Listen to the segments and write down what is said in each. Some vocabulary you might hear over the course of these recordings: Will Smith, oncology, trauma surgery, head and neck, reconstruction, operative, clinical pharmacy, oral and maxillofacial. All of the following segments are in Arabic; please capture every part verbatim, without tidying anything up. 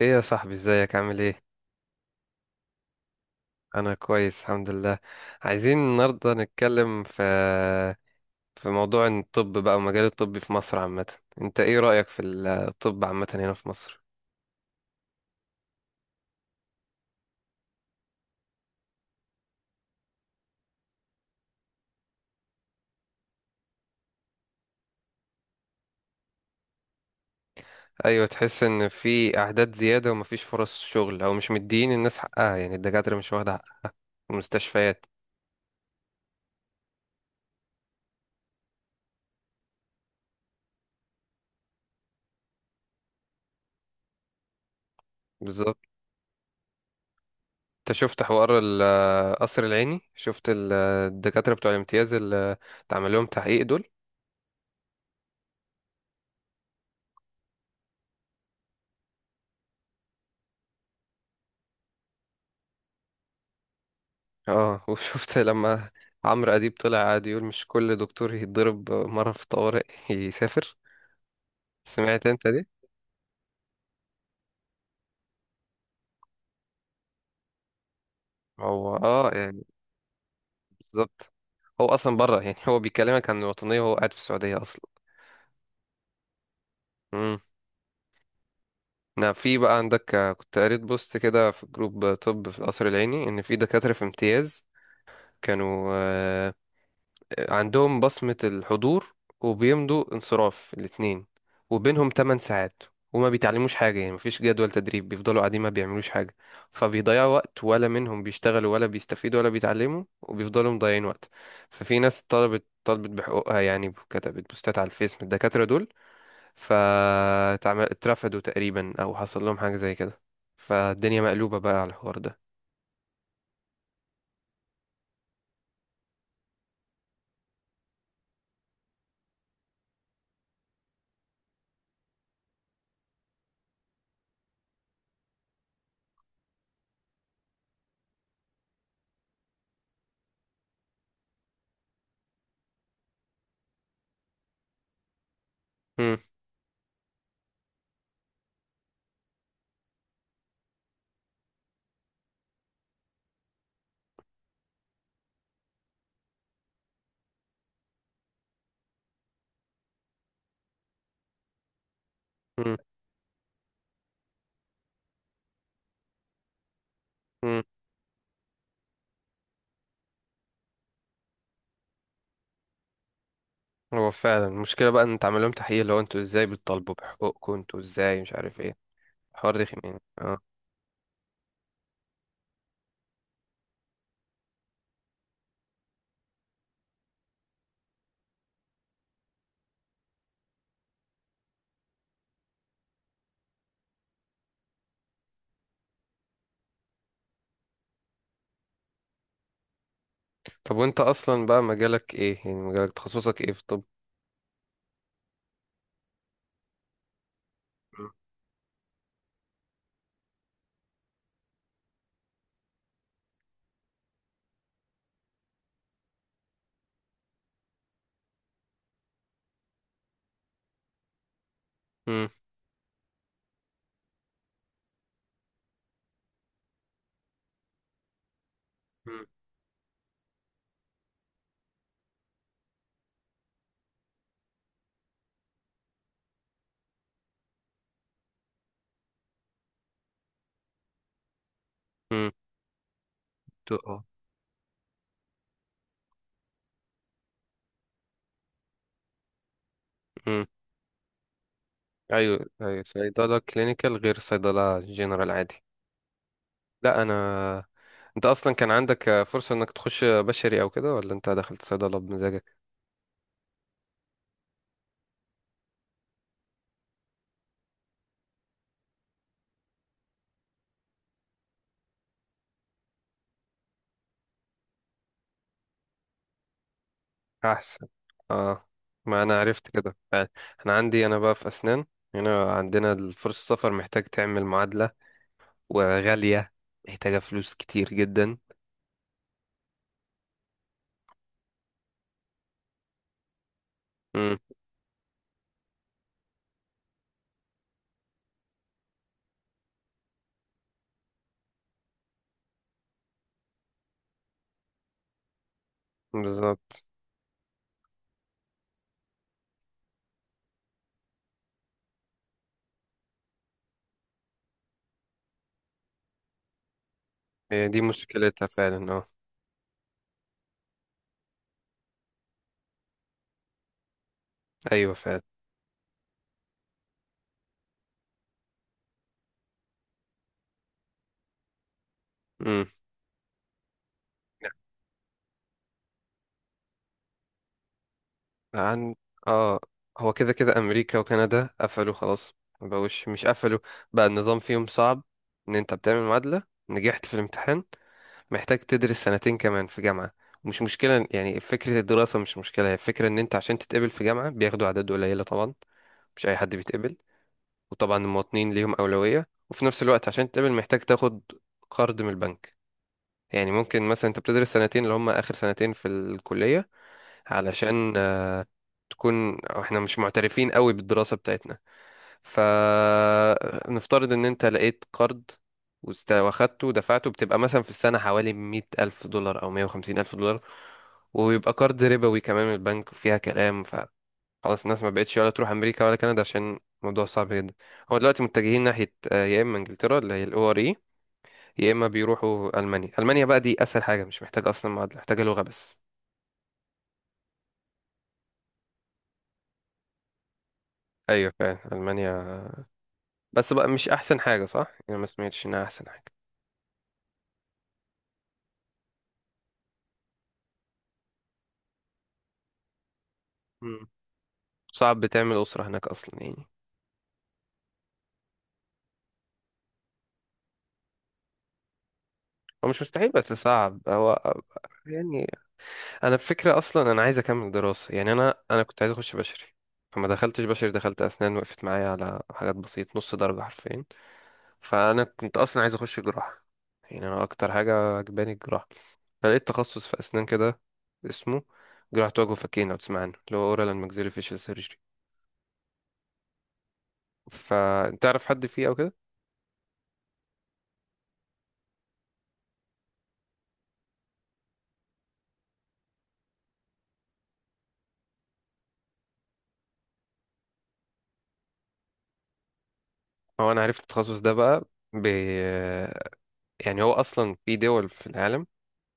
ايه يا صاحبي؟ ازيك؟ عامل ايه؟ انا كويس الحمد لله. عايزين النهارده نتكلم في في موضوع الطب بقى ومجال الطب في مصر عامه. انت ايه رأيك في الطب عامه هنا في مصر؟ ايوه، تحس ان في اعداد زياده ومفيش فرص شغل، او مش مديين الناس حقها، يعني الدكاتره مش واخده حق المستشفيات. بالظبط. انت شفت حوار ال- القصر العيني؟ شفت ال- الدكاتره بتوع الامتياز اللي اتعمل لهم تحقيق دول؟ اه وشفت لما عمرو اديب طلع قاعد يقول مش كل دكتور يتضرب مرة في طوارئ يسافر؟ سمعت انت دي؟ هو اه، يعني بالظبط. هو اصلا بره، يعني هو بيكلمك عن الوطنية وهو قاعد في السعودية اصلا. امم. نعم، في بقى عندك، آه، كنت قريت بوست كده في جروب طب في القصر العيني، ان في دكاترة في امتياز كانوا آه، عندهم بصمة الحضور، وبيمضوا انصراف الاتنين وبينهم 8 ساعات، وما بيتعلموش حاجة، يعني مفيش جدول تدريب، بيفضلوا قاعدين ما بيعملوش حاجة، فبيضيعوا وقت، ولا منهم بيشتغلوا ولا بيستفيدوا ولا بيتعلموا، وبيفضلوا مضيعين وقت. ففي ناس طلبت طلبت بحقوقها، يعني كتبت بوستات على الفيس من الدكاترة دول، فاترفدوا تقريبا أو حصل لهم حاجة زي كده. فالدنيا مقلوبة بقى على الحوار ده. مم. مم. هو فعلا المشكلة بقى ان تعمل لهم تحقيق اللي هو انتوا ازاي بتطالبوا بحقوقكم، انتوا ازاي مش عارف ايه، الحوار ده. خمين، اه. طب وانت اصلا بقى مجالك ايه، يعني مجالك تخصصك ايه في الطب؟ امم. امم. امم. ايوه، ايوه، صيدلة كلينيكال غير صيدلة جنرال عادي. لا. انا انت اصلا كان عندك آه، فرصة انك تخش بشري او كده، ولا انت دخلت صيدلة بمزاجك؟ احسن. اه، ما انا عرفت كده فعلا. انا عندي، انا بقى في اسنان، هنا عندنا الفرصة، السفر محتاج تعمل معادلة، وغالية، محتاجة فلوس كتير جدا. امم. بالظبط. هي دي مشكلتها فعلا، اه. ايوه فعلا. امم. عن اه هو كده كده امريكا وكندا قفلوا خلاص. ما بقوش، مش قفلوا، بقى النظام فيهم صعب، ان انت بتعمل معادلة، نجحت في الامتحان، محتاج تدرس سنتين كمان في جامعة. مش مشكلة يعني، فكرة الدراسة مش مشكلة، هي الفكرة ان انت عشان تتقبل في جامعة بياخدوا اعداد قليلة، طبعا مش اي حد بيتقبل. وطبعا المواطنين ليهم أولوية، وفي نفس الوقت عشان تقبل محتاج تاخد قرض من البنك. يعني ممكن مثلا انت بتدرس سنتين اللي هم آخر سنتين في الكلية، علشان آه، تكون، أو احنا مش معترفين قوي بالدراسة بتاعتنا. فنفترض ان انت لقيت قرض وست- واخدته ودفعته، بتبقى مثلا في السنة حوالي مية ألف دولار أو مية وخمسين ألف دولار، ويبقى قرض ربوي كمان من البنك وفيها كلام. خلاص الناس ما بقتش ولا تروح امريكا ولا كندا عشان الموضوع صعب جدا. هو دلوقتي متجهين ناحيه آه، يا اما انجلترا اللي هي الاو ار اي، يا اما بيروحوا المانيا. المانيا بقى دي اسهل حاجه، مش محتاجه اصلا معادله، محتاجه لغه بس. ايوه فعلا المانيا. بس بقى مش احسن حاجه صح؟ يعني ما سمعتش انها احسن حاجه. مم. صعب تعمل اسره هناك اصلا يعني. هو مش مستحيل بس صعب، هو يعني، انا الفكره اصلا، انا عايز اكمل دراسه. يعني انا انا كنت عايز اخش بشري، فما دخلتش بشري، دخلت اسنان، وقفت معايا على حاجات بسيطه، نص درجه حرفيا. فانا كنت اصلا عايز اخش جراحه، يعني انا اكتر حاجه عجباني الجراحه. فلقيت تخصص في اسنان كده اسمه جراحه وجه وفكين، لو تسمع عنه، اللي هو اورال اند maxillofacial فيشل سيرجري. فتعرف حد فيه او كده؟ هو انا عرفت التخصص ده بقى، ب... يعني هو اصلا في دول في العالم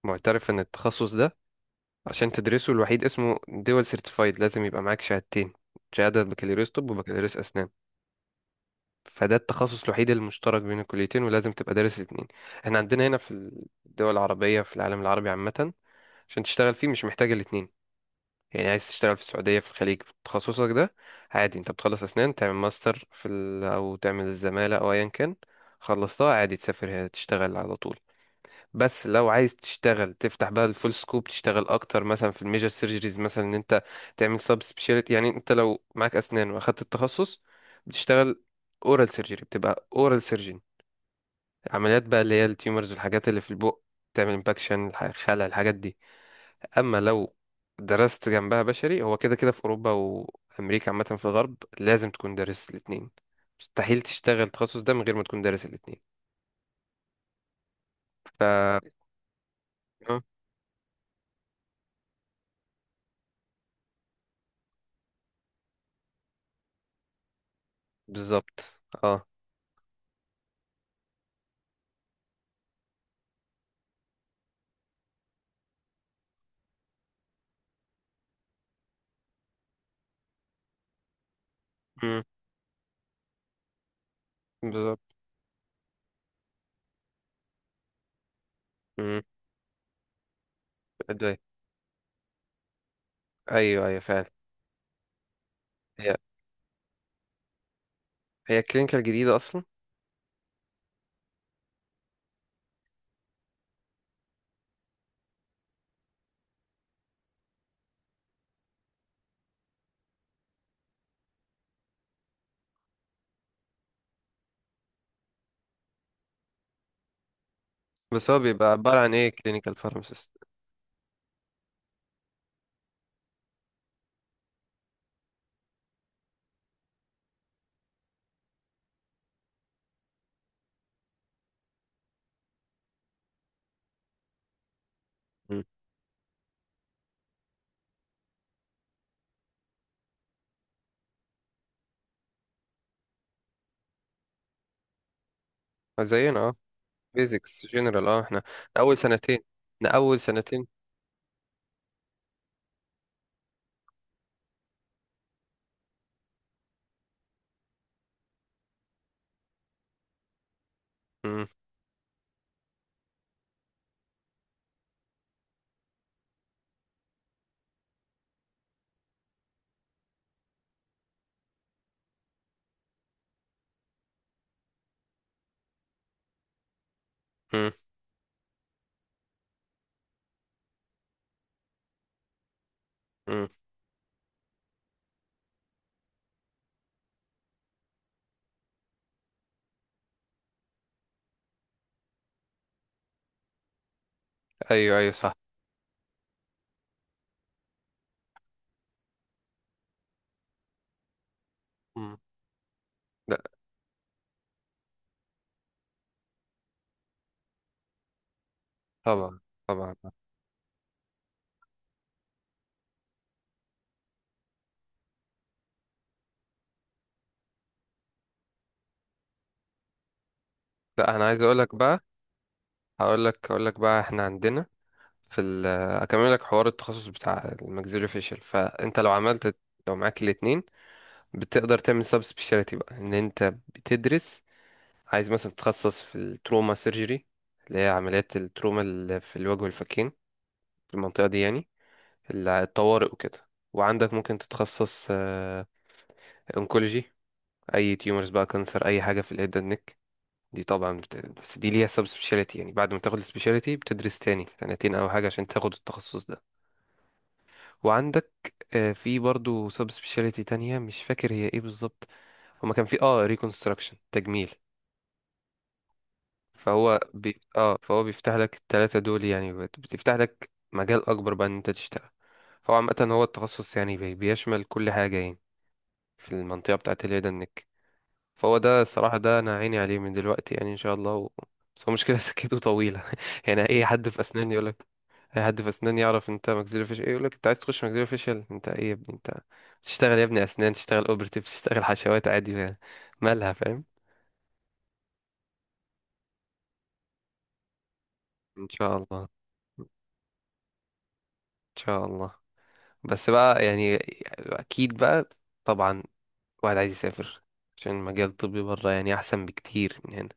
معترف ان التخصص ده، عشان تدرسه، الوحيد اسمه دول سيرتيفايد، لازم يبقى معاك شهادتين: شهاده بكالوريوس طب وبكالوريوس اسنان. فده التخصص الوحيد المشترك بين الكليتين، ولازم تبقى دارس الاتنين. احنا عندنا هنا في الدول العربية، في العالم العربي عامة، عشان تشتغل فيه مش محتاج الاتنين. يعني عايز تشتغل في السعودية، في الخليج، بتخصصك ده، عادي، انت بتخلص اسنان، تعمل ماستر في ال... او تعمل الزمالة او ايا كان، خلصتها عادي، تسافر هنا تشتغل على طول. بس لو عايز تشتغل تفتح بقى الفول سكوب، تشتغل اكتر مثلا في الميجر سيرجريز، مثلا ان انت تعمل سب سبيشاليتي. يعني انت لو معاك اسنان واخدت التخصص، بتشتغل اورال سيرجري، بتبقى اورال سيرجن، عمليات بقى، اللي هي التيومرز والحاجات اللي في البق، تعمل امباكشن، خلع، الحاجات دي. اما لو درست جنبها بشري، هو كده كده في اوروبا وامريكا، عامه في الغرب، لازم تكون دارس الاتنين، مستحيل تشتغل التخصص ده من غير ما تكون دارس الاتنين. ف آه، بالظبط، اه. مم. بالظبط. امم. ادويه. ايوه، ايوه، فعلا. هي هي كلينيكال جديده اصلا. بس هو بيبقى عباره عن ايه كلينيكال فارماسيست؟ زينا اه. بيزكس جنرال، اه، احنا إحنا اول سنتين احنا اول سنتين. امم. امم. امم. ايوه، ايوه، صح. امم. لا. طبعا، طبعا. لا، انا عايز اقول لك بقى، هقول لك هقول لك بقى، احنا عندنا في ال اكمل لك حوار التخصص بتاع الماكسيلو فيشل. فانت لو عملت، لو معاك الاتنين، بتقدر تعمل سب سبيشاليتي بقى، ان انت بتدرس، عايز مثلا تتخصص في التروما سيرجري، اللي هي عمليات التروما اللي في الوجه والفكين، في المنطقة دي يعني، اللي- الطوارئ وكده. وعندك ممكن تتخصص انكولوجي، اي تيومرز بقى، كانسر، اي حاجة في الهيد اند نيك. دي طبعا بت... بس دي ليها سب سبيشاليتي، يعني بعد ما تاخد السبيشاليتي بتدرس تاني سنتين او حاجة عشان تاخد التخصص ده. وعندك آه، في برضو سب سبيشاليتي تانية مش فاكر هي ايه بالظبط. هما كان في اه ريكونستراكشن، تجميل. فهو بي... اه فهو بيفتح لك التلاتة دول، يعني بت- بتفتح لك مجال اكبر بقى ان انت تشتغل. فهو عامة هو التخصص يعني بي... بيشمل كل حاجة يعني، في المنطقة بتاعت اليد النك. فهو ده الصراحة، ده انا عيني عليه من دلوقتي، يعني ان شاء الله و... بس هو مشكلة سكته طويلة يعني اي حد في اسنان يقول لك، اي حد في اسنان يعرف انت ماكسيلو فيش ايه، يقول لك انت عايز تخش ماكسيلو فيشل؟ انت ايه يا ابني انت؟ تشتغل يا ابني اسنان، تشتغل اوبرتيف، تشتغل حشوات عادي، مالها، فاهم؟ ان شاء الله، ان شاء الله. بس بقى يعني، اكيد بقى، طبعا، واحد عايز يسافر عشان المجال الطبي بره يعني احسن بكتير من هنا.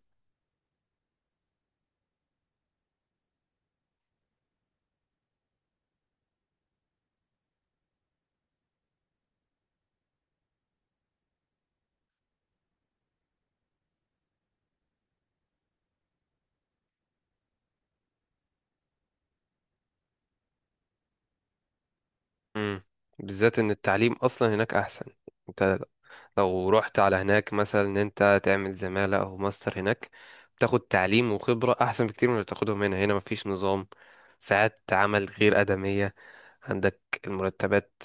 امم. بالذات ان التعليم اصلا هناك احسن. انت لو رحت على هناك مثلا ان انت تعمل زمالة او ماستر هناك، بتاخد تعليم وخبرة احسن بكتير من اللي بتاخدهم هنا. هنا مفيش نظام، ساعات عمل غير آدمية. عندك المرتبات،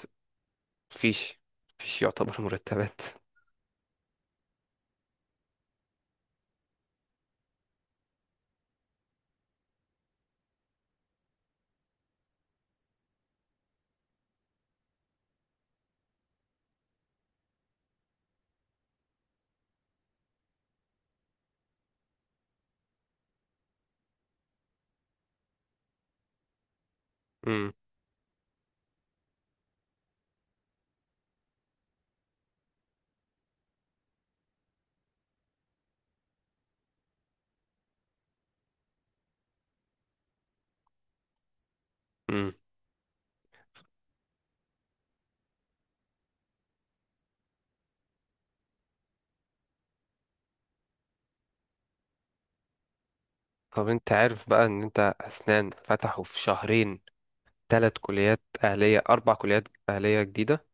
مفيش مفيش يعتبر مرتبات. امم. امم. طب انت عارف بقى ان انت اسنان فتحوا في شهرين ثلاث كليات أهلية، أربع كليات أهلية جديدة؟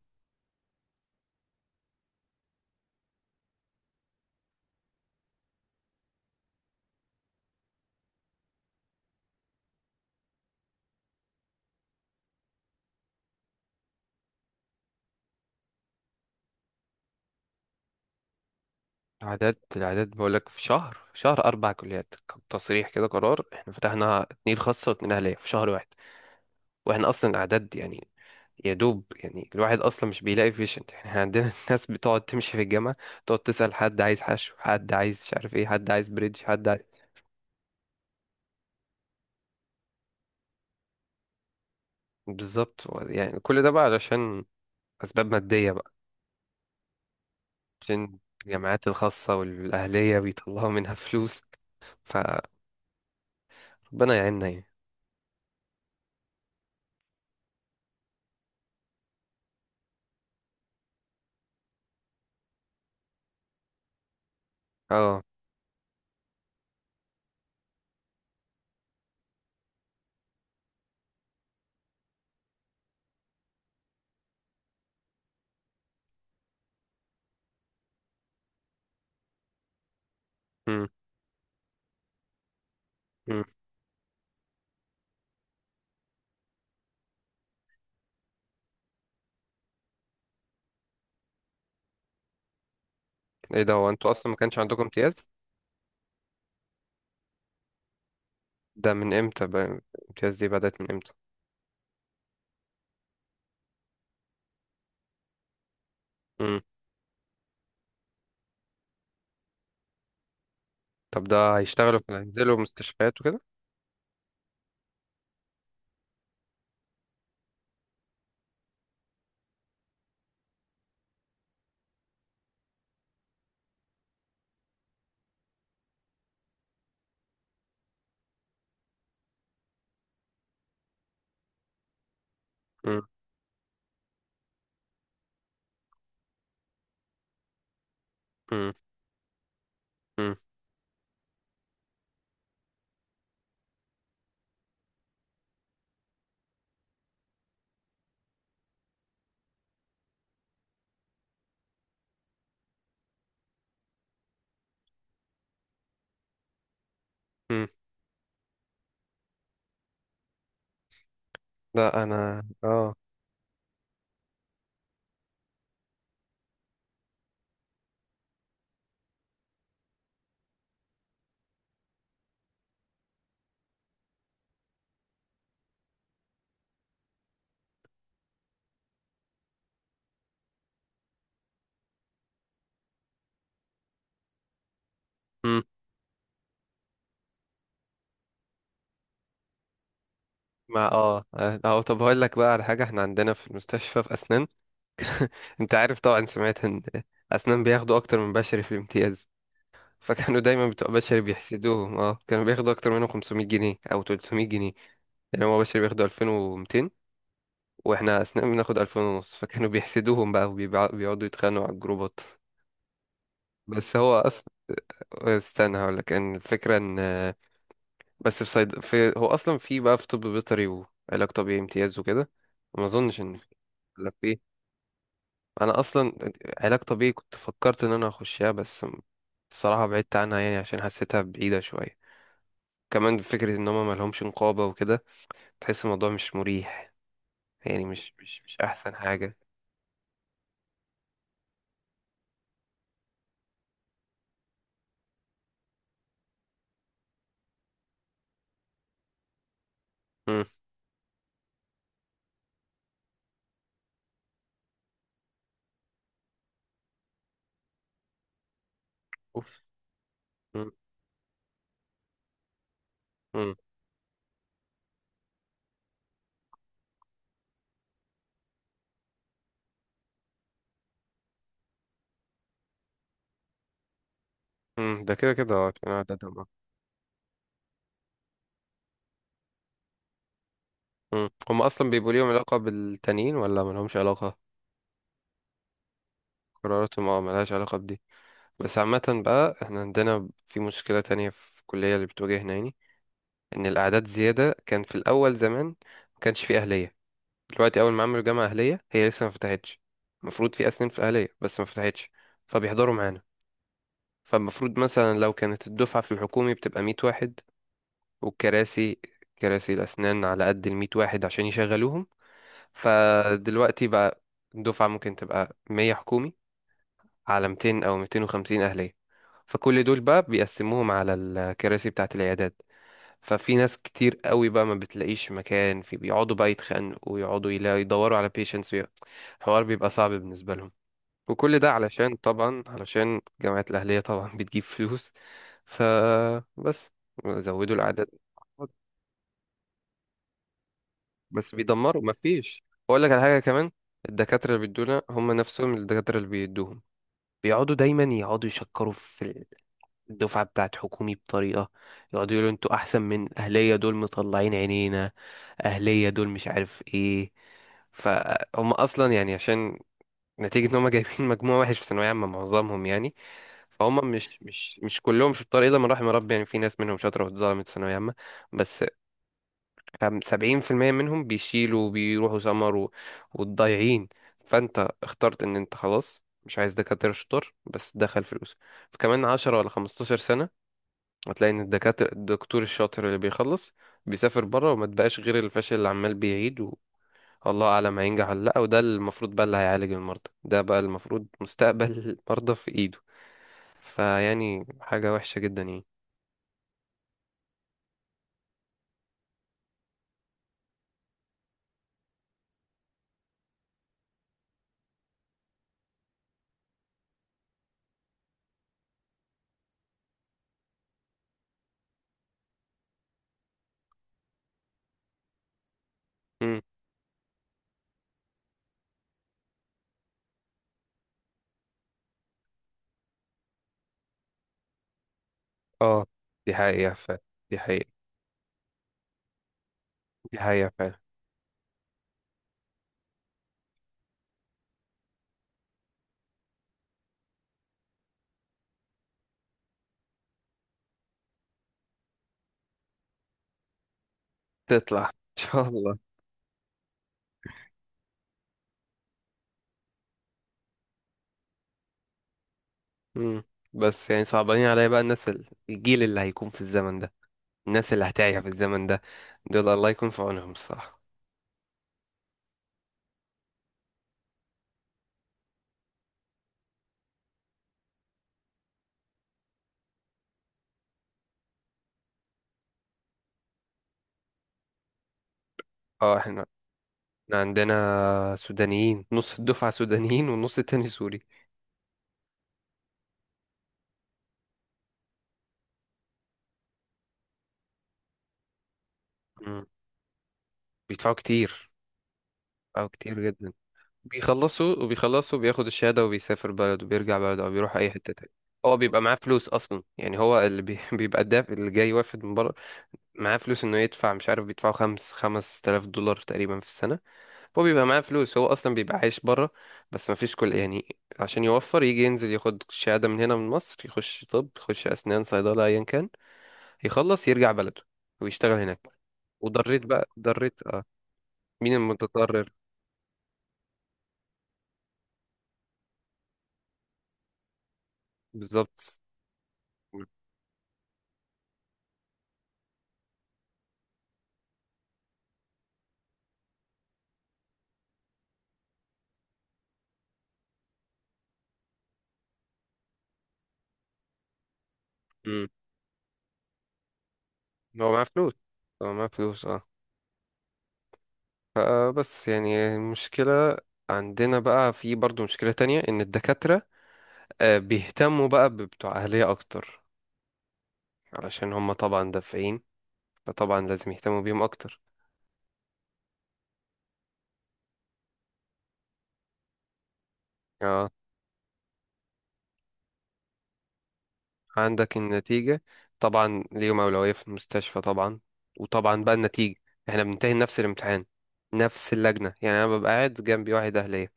العدد العدد بقولك، في شهر، شهر أربع كليات، كان تصريح كده قرار، إحنا فتحنا اتنين خاصة واتنين أهلية في شهر واحد. وإحنا أصلا الأعداد، يعني يا دوب يعني الواحد أصلا مش بيلاقي بيشنت. إحنا عندنا ناس بتقعد تمشي في الجامعة، تقعد تسأل حد عايز حشو، حد عايز مش عارف إيه، حد عايز بريدج، حد عايز. بالظبط. هو يعني كل ده بقى علشان أسباب مادية بقى، عشان الجامعات الخاصة والأهلية بيطلعوا منها فلوس. فربنا يعيننا يعني. اه. مم. مم. ايه ده؟ هو انتوا اصلا ما كانش عندكم امتياز؟ ده من امتى بقى الامتياز دي، بدأت من امتى؟ مم. طب ده هيشتغلوا في، هينزلوا مستشفيات وكده؟ مم. مم. مم. مم. لا، انا اه مم. ما اه اه اه، طب هقول لك بقى على حاجة، احنا عندنا في المستشفى في اسنان، انت عارف طبعا، سمعت ان اسنان بياخدوا اكتر من بشري في الامتياز، فكانوا دايما بتوع بشري بيحسدوهم، اه كانوا بياخدوا اكتر منهم خمسمية جنيه او تلتمية جنيه، يعني هو بشري بياخدوا ألفين ومتين واحنا اثناء بناخد ألفين ونص، فكانوا بيحسدوهم بقى وبيقعدوا يتخانقوا على الجروبات. بس هو اصلا، استنى هقول لك ان الفكره ان، بس في صيد في، هو اصلا في بقى في طب بيطري وعلاج طبيعي امتياز وكده؟ ما اظنش ان في، ولا في. انا اصلا علاج طبيعي كنت فكرت ان انا اخشها، بس الصراحه بعدت عنها، يعني عشان حسيتها بعيده شويه، كمان فكره ان هما ملهمش نقابه وكده، تحس الموضوع مش مريح، يعني مش مش مش احسن حاجه. امم. اوف. امم. ده كده كده، اه، بيكون عادة. امم. هم اصلا بيبقوا ليهم علاقة بالتانيين ولا ملهمش علاقة؟ قراراتهم اه ملهاش علاقة بدي. بس عامة بقى احنا عندنا في مشكلة تانية في الكلية اللي بتواجهنا، يعني ان الاعداد زيادة. كان في الاول زمان ما كانش فيه اهلية. دلوقتي اول ما عملوا جامعة اهلية، هي لسه ما فتحتش، المفروض في اسنان في الاهلية، بس ما فتحتش، فبيحضروا معانا. فالمفروض مثلا لو كانت الدفعة في الحكومي بتبقى 100 واحد، والكراسي كراسي الأسنان على قد الميت واحد عشان يشغلوهم. فدلوقتي بقى الدفعة ممكن تبقى 100 حكومي على ميتين أو ميتين وخمسين أهلية، فكل دول بقى بيقسموهم على الكراسي بتاعة العيادات. ففي ناس كتير قوي بقى ما بتلاقيش مكان، في بيقعدوا بقى يتخانقوا ويقعدوا يلا يدوروا على بيشنتس، الحوار بيبقى صعب بالنسبة لهم. وكل ده علشان طبعا، علشان جامعة الأهلية طبعا بتجيب فلوس. فبس زودوا الأعداد. بس بيدمروا، مفيش، اقول لك على حاجه كمان: الدكاتره اللي بيدونا هم نفسهم الدكاتره اللي بيدوهم، بيقعدوا دايما يقعدوا يشكروا في الدفعه بتاعت حكومي بطريقه، يقعدوا يقولوا انتوا احسن من اهليه، دول مطلعين عينينا، اهليه دول مش عارف ايه. فهم اصلا يعني، عشان نتيجه ان هم جايبين مجموع وحش في ثانويه عامه معظمهم يعني. فهم مش مش مش كلهم شطار الا من رحم ربي، يعني في ناس منهم شاطره واتظلمت في ثانويه عامه، بس خم- سبعين في المية منهم بيشيلوا وبيروحوا سمر و- والضايعين. فانت اخترت ان انت خلاص مش عايز دكاترة شطار، بس دخل فلوس. فكمان عشر ولا 15 سنة هتلاقي ان الدكاترة الدكتور الشاطر اللي بيخلص بيسافر بره، وما تبقاش غير الفاشل اللي عمال بيعيد والله اعلم هينجح ولا لا، وده المفروض بقى اللي هيعالج المرضى، ده بقى المفروض مستقبل المرضى في ايده. فيعني حاجة وحشة جدا يعني. مم. اه، دي حقيقة فعلا، دي حقيقة، دي حقيقة فعلا. تطلع ان شاء الله. مم. بس يعني صعبانين عليا بقى الناس ال- الجيل اللي هيكون في الزمن ده، الناس اللي هتعيش في الزمن ده، دول الله يكون في عونهم الصراحة. اه، احنا إحنا عندنا سودانيين، نص الدفعة سودانيين والنص التاني سوري. مم. بيدفعوا كتير. بيدفعوا كتير جدا. بيخلصوا وبيخلصوا بياخد الشهادة وبيسافر بلده وبيرجع بلده أو بيروح أي حتة تانية. هو بيبقى معاه فلوس أصلا، يعني هو اللي بي... بيبقى الدافع اللي جاي وافد من بره، معاه فلوس إنه يدفع. مش عارف، بيدفعوا خمس خمس تلاف دولار تقريبا في السنة. هو بيبقى معاه فلوس، هو اصلا بيبقى عايش بره، بس ما فيش كل يعني، عشان يوفر يجي ينزل ياخد شهادة من هنا من مصر، يخش طب، يخش اسنان، صيدلة، ايا كان، يخلص يرجع بلده ويشتغل هناك. وضريت بقى ضريت، اه مين المتضرر؟ بالظبط. هو معاه فلوس، هو معاه فلوس. اه فبس يعني المشكلة، عندنا بقى في برضو مشكلة تانية، ان الدكاترة آه، بيهتموا بقى ببتوع اهلية اكتر، علشان هم طبعا دافعين، فطبعا لازم يهتموا بيهم اكتر. اه، عندك النتيجة، طبعا ليهم اولوية في المستشفى، طبعا، وطبعا بقى النتيجة: احنا بننتهي نفس الامتحان، نفس اللجنة، يعني انا ببقى قاعد جنبي واحد اهلية،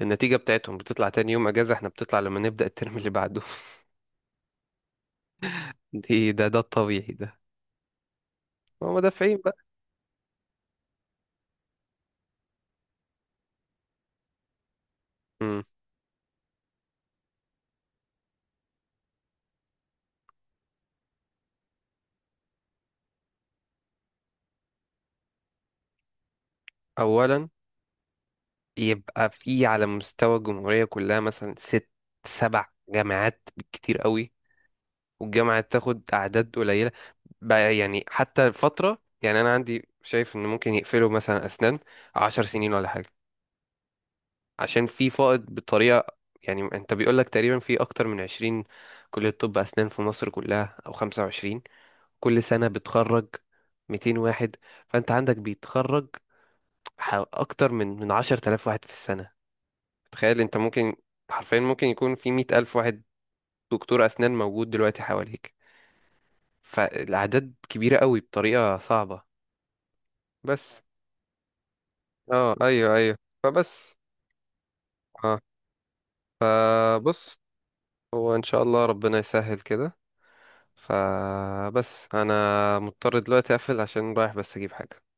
النتيجة بتاعتهم بتطلع تاني يوم اجازة، احنا بتطلع لما نبدأ الترم اللي بعده. دي، ده ده الطبيعي ده، ما هو مدافعين بقى. مم. اولا يبقى في على مستوى الجمهوريه كلها مثلا ست سبع جامعات بالكتير قوي، والجامعه تاخد اعداد قليله بقى. يعني حتى الفتره، يعني انا عندي شايف ان ممكن يقفلوا مثلا اسنان عشر سنين ولا حاجه، عشان في فائض بطريقه. يعني انت بيقول لك تقريبا في اكتر من عشرين كليه طب اسنان في مصر كلها او خمسة وعشرين، كل سنه بتخرج 200 واحد، فانت عندك بيتخرج ح- اكتر من من عشر تلاف واحد في السنة. تخيل انت ممكن حرفيا ممكن يكون في مية ألف واحد دكتور اسنان موجود دلوقتي حواليك. فالاعداد كبيرة قوي بطريقة صعبة، بس اه ايوه، ايوه، فبس اه فبص، هو ان شاء الله ربنا يسهل كده. فبس انا مضطر دلوقتي اقفل عشان رايح بس اجيب حاجة.